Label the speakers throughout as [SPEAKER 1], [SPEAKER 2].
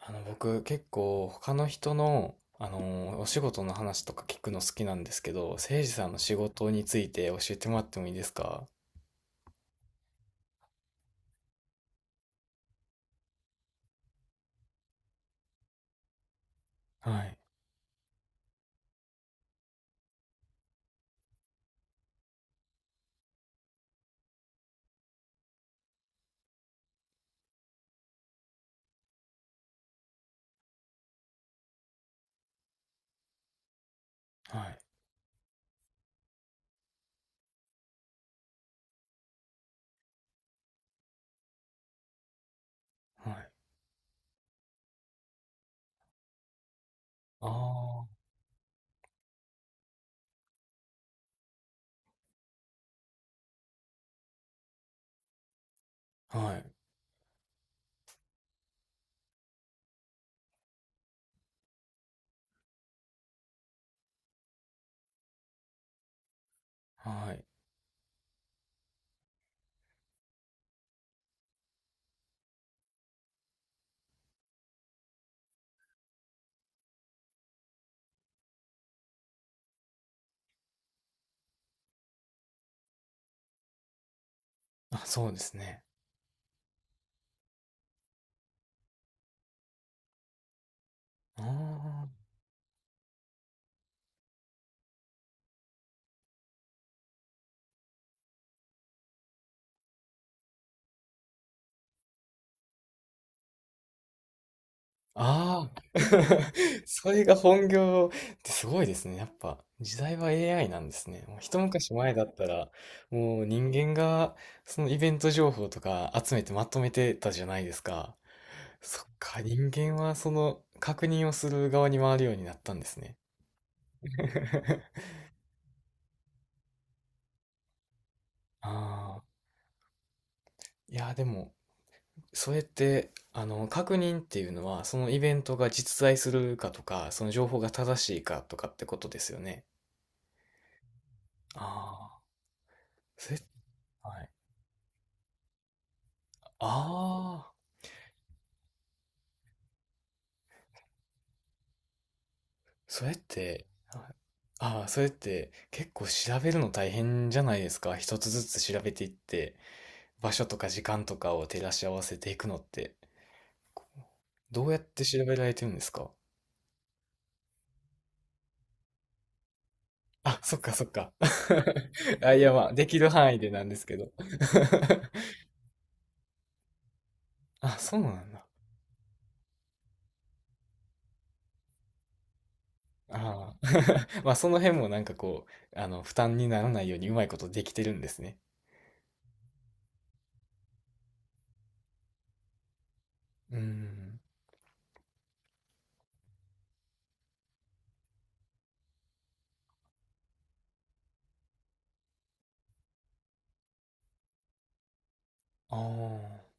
[SPEAKER 1] 僕結構他の人の、お仕事の話とか聞くの好きなんですけど、誠司さんの仕事について教えてもらってもいいですか？はい、はい、はい。ああ、はい、はい。あ、そうですね。ああ、ああ、それが本業ってすごいですね。やっぱ時代は AI なんですね。もう一昔前だったら、もう人間がそのイベント情報とか集めてまとめてたじゃないですか。そっか、人間はその確認をする側に回るようになったんですね。ああ、いや、でも、それって、確認っていうのは、そのイベントが実在するかとか、その情報が正しいかとかってことですよね。ああ、それ、はい。ああ、それって、はい。ああ、それって結構調べるの大変じゃないですか。一つずつ調べていって、場所とか時間とかを照らし合わせていくのって。どうやって調べられてるんですか？あ、そっかそっか。あ、いや、まあ、できる範囲でなんですけど。あ、そうなんだ。ああ。まあ、その辺もなんか負担にならないようにうまいことできてるんですね。うーん。あ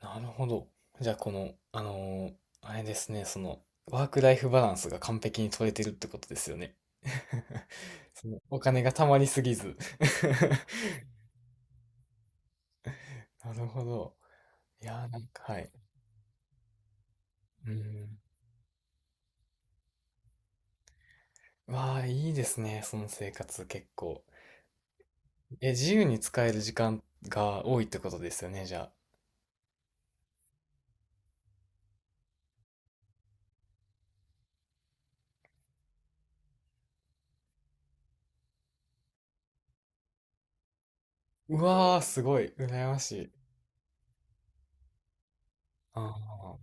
[SPEAKER 1] あ、なるほど。じゃあ、この、あれですね、その、ワークライフバランスが完璧に取れてるってことですよね。そのお金がたまりすぎず。なるほど。いやー、なんか、はい。うん。わあ、いいですね、その生活結構。え、自由に使える時間が多いってことですよね、じゃあ。うわあ、すごい、羨ましい。ああ、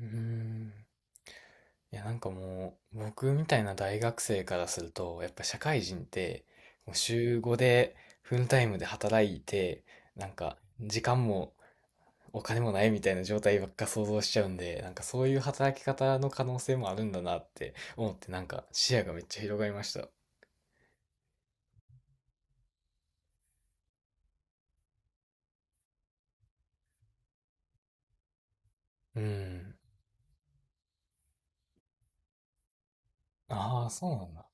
[SPEAKER 1] うーん。いや、なんかもう、僕みたいな大学生からすると、やっぱ社会人って、もう週5でフルタイムで働いて、なんか、時間もお金もないみたいな状態ばっか想像しちゃうんで、なんかそういう働き方の可能性もあるんだなって思って、なんか視野がめっちゃ広がりました。うん。ああ、そうなんだ。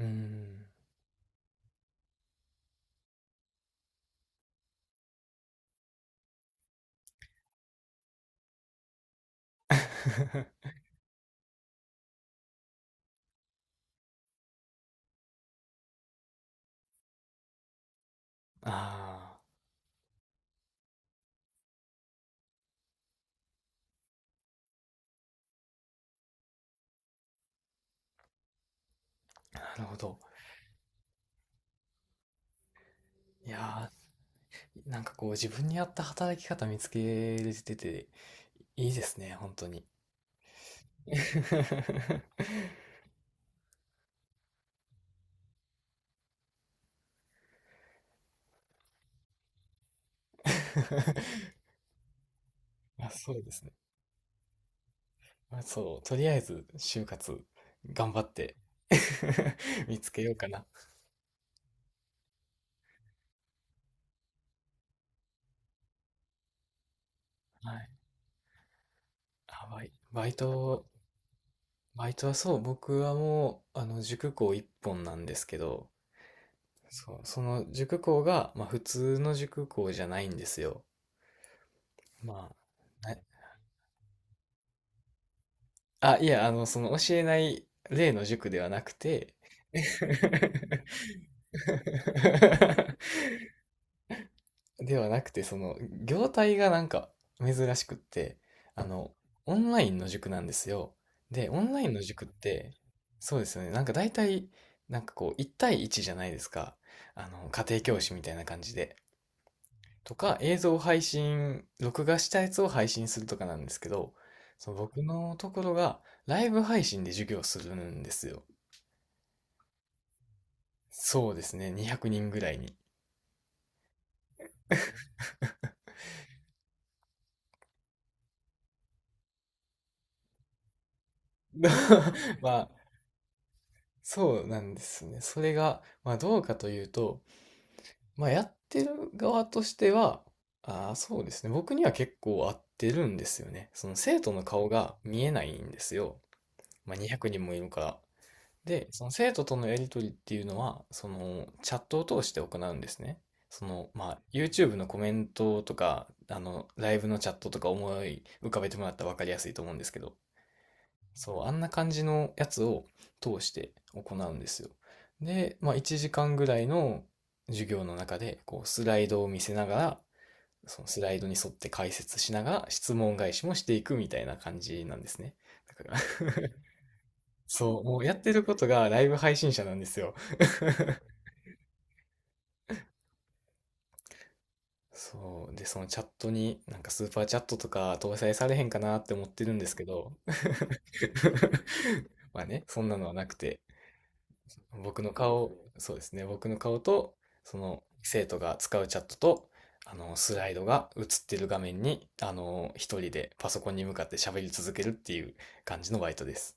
[SPEAKER 1] うーん。ああ、なるほど。いやー、なんかこう自分に合った働き方見つけれてて、いいですね、本当に。あ、そうですね。あそう、とりあえず就活頑張って 見つけようかな。はい。あ、バイトはそう、僕はもう、塾講一本なんですけど、そう、その塾講が、まあ普通の塾講じゃないんですよ。まあ、はい。 あ、いや、その教えない例の塾ではなくて、ではなくて、その、業態がなんか珍しくって、あの、オンラインの塾なんですよ。で、オンラインの塾って、そうですよね。なんか大体、なんかこう、1対1じゃないですか。あの、家庭教師みたいな感じで。とか、映像配信、録画したやつを配信するとかなんですけど、その僕のところがライブ配信で授業するんですよ。そうですね、200人ぐらいに。まあ、そうなんですね。それが、まあどうかというと、まあやってる側としては、ああ、そうですね。僕には結構合ってるんですよね。その生徒の顔が見えないんですよ。まあ200人もいるから。で、その生徒とのやり取りっていうのは、そのチャットを通して行うんですね。その、まあ、YouTube のコメントとか、ライブのチャットとか思い浮かべてもらったら分かりやすいと思うんですけど、そう、あんな感じのやつを通して行うんですよ。で、まあ、1時間ぐらいの授業の中で、こう、スライドを見せながら、そのスライドに沿って解説しながら、質問返しもしていくみたいな感じなんですね。だから、そう、もうやってることがライブ配信者なんですよ。そう。で、そのチャットになんかスーパーチャットとか搭載されへんかなって思ってるんですけど、まあね、そんなのはなくて、僕の顔、ねそうですね、僕の顔と、その生徒が使うチャットと、スライドが映ってる画面に、一人でパソコンに向かって喋り続けるっていう感じのバイトです。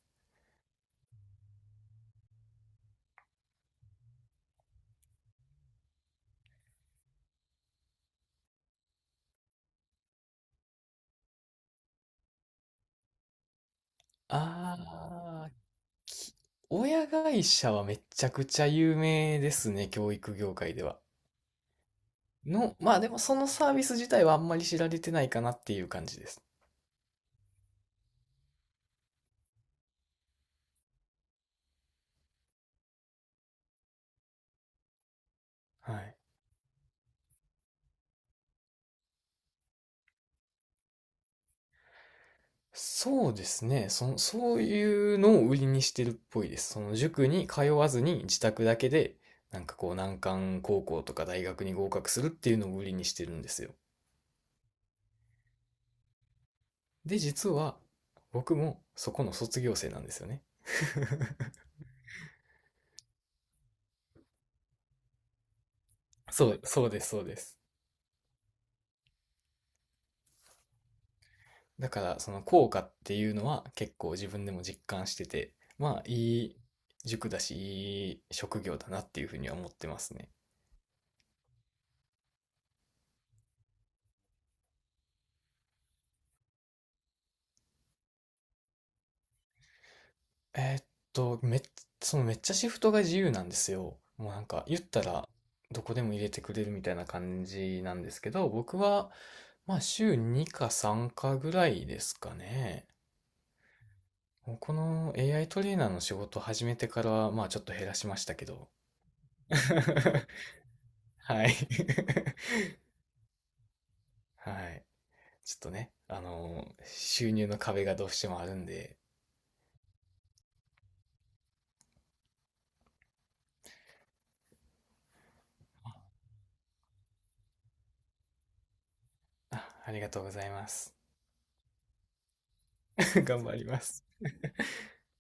[SPEAKER 1] あー、親会社はめちゃくちゃ有名ですね、教育業界では。の、まあでもそのサービス自体はあんまり知られてないかなっていう感じです。はい。そうですね。その、そういうのを売りにしてるっぽいです。その塾に通わずに自宅だけで、なんかこう難関高校とか大学に合格するっていうのを売りにしてるんですよ。で、実は僕もそこの卒業生なんですよね。そう、そうです、そうです。だからその効果っていうのは結構自分でも実感してて、まあいい塾だし、いい職業だなっていうふうには思ってますね。えーっと、めっ、そのめっちゃシフトが自由なんですよ。もうなんか言ったらどこでも入れてくれるみたいな感じなんですけど、僕はまあ週2か3かぐらいですかね。もうこの AI トレーナーの仕事を始めてからはまあちょっと減らしましたけど。はい。はい。ちょっとね、収入の壁がどうしてもあるんで、あ、ありがとうございます。頑張ります。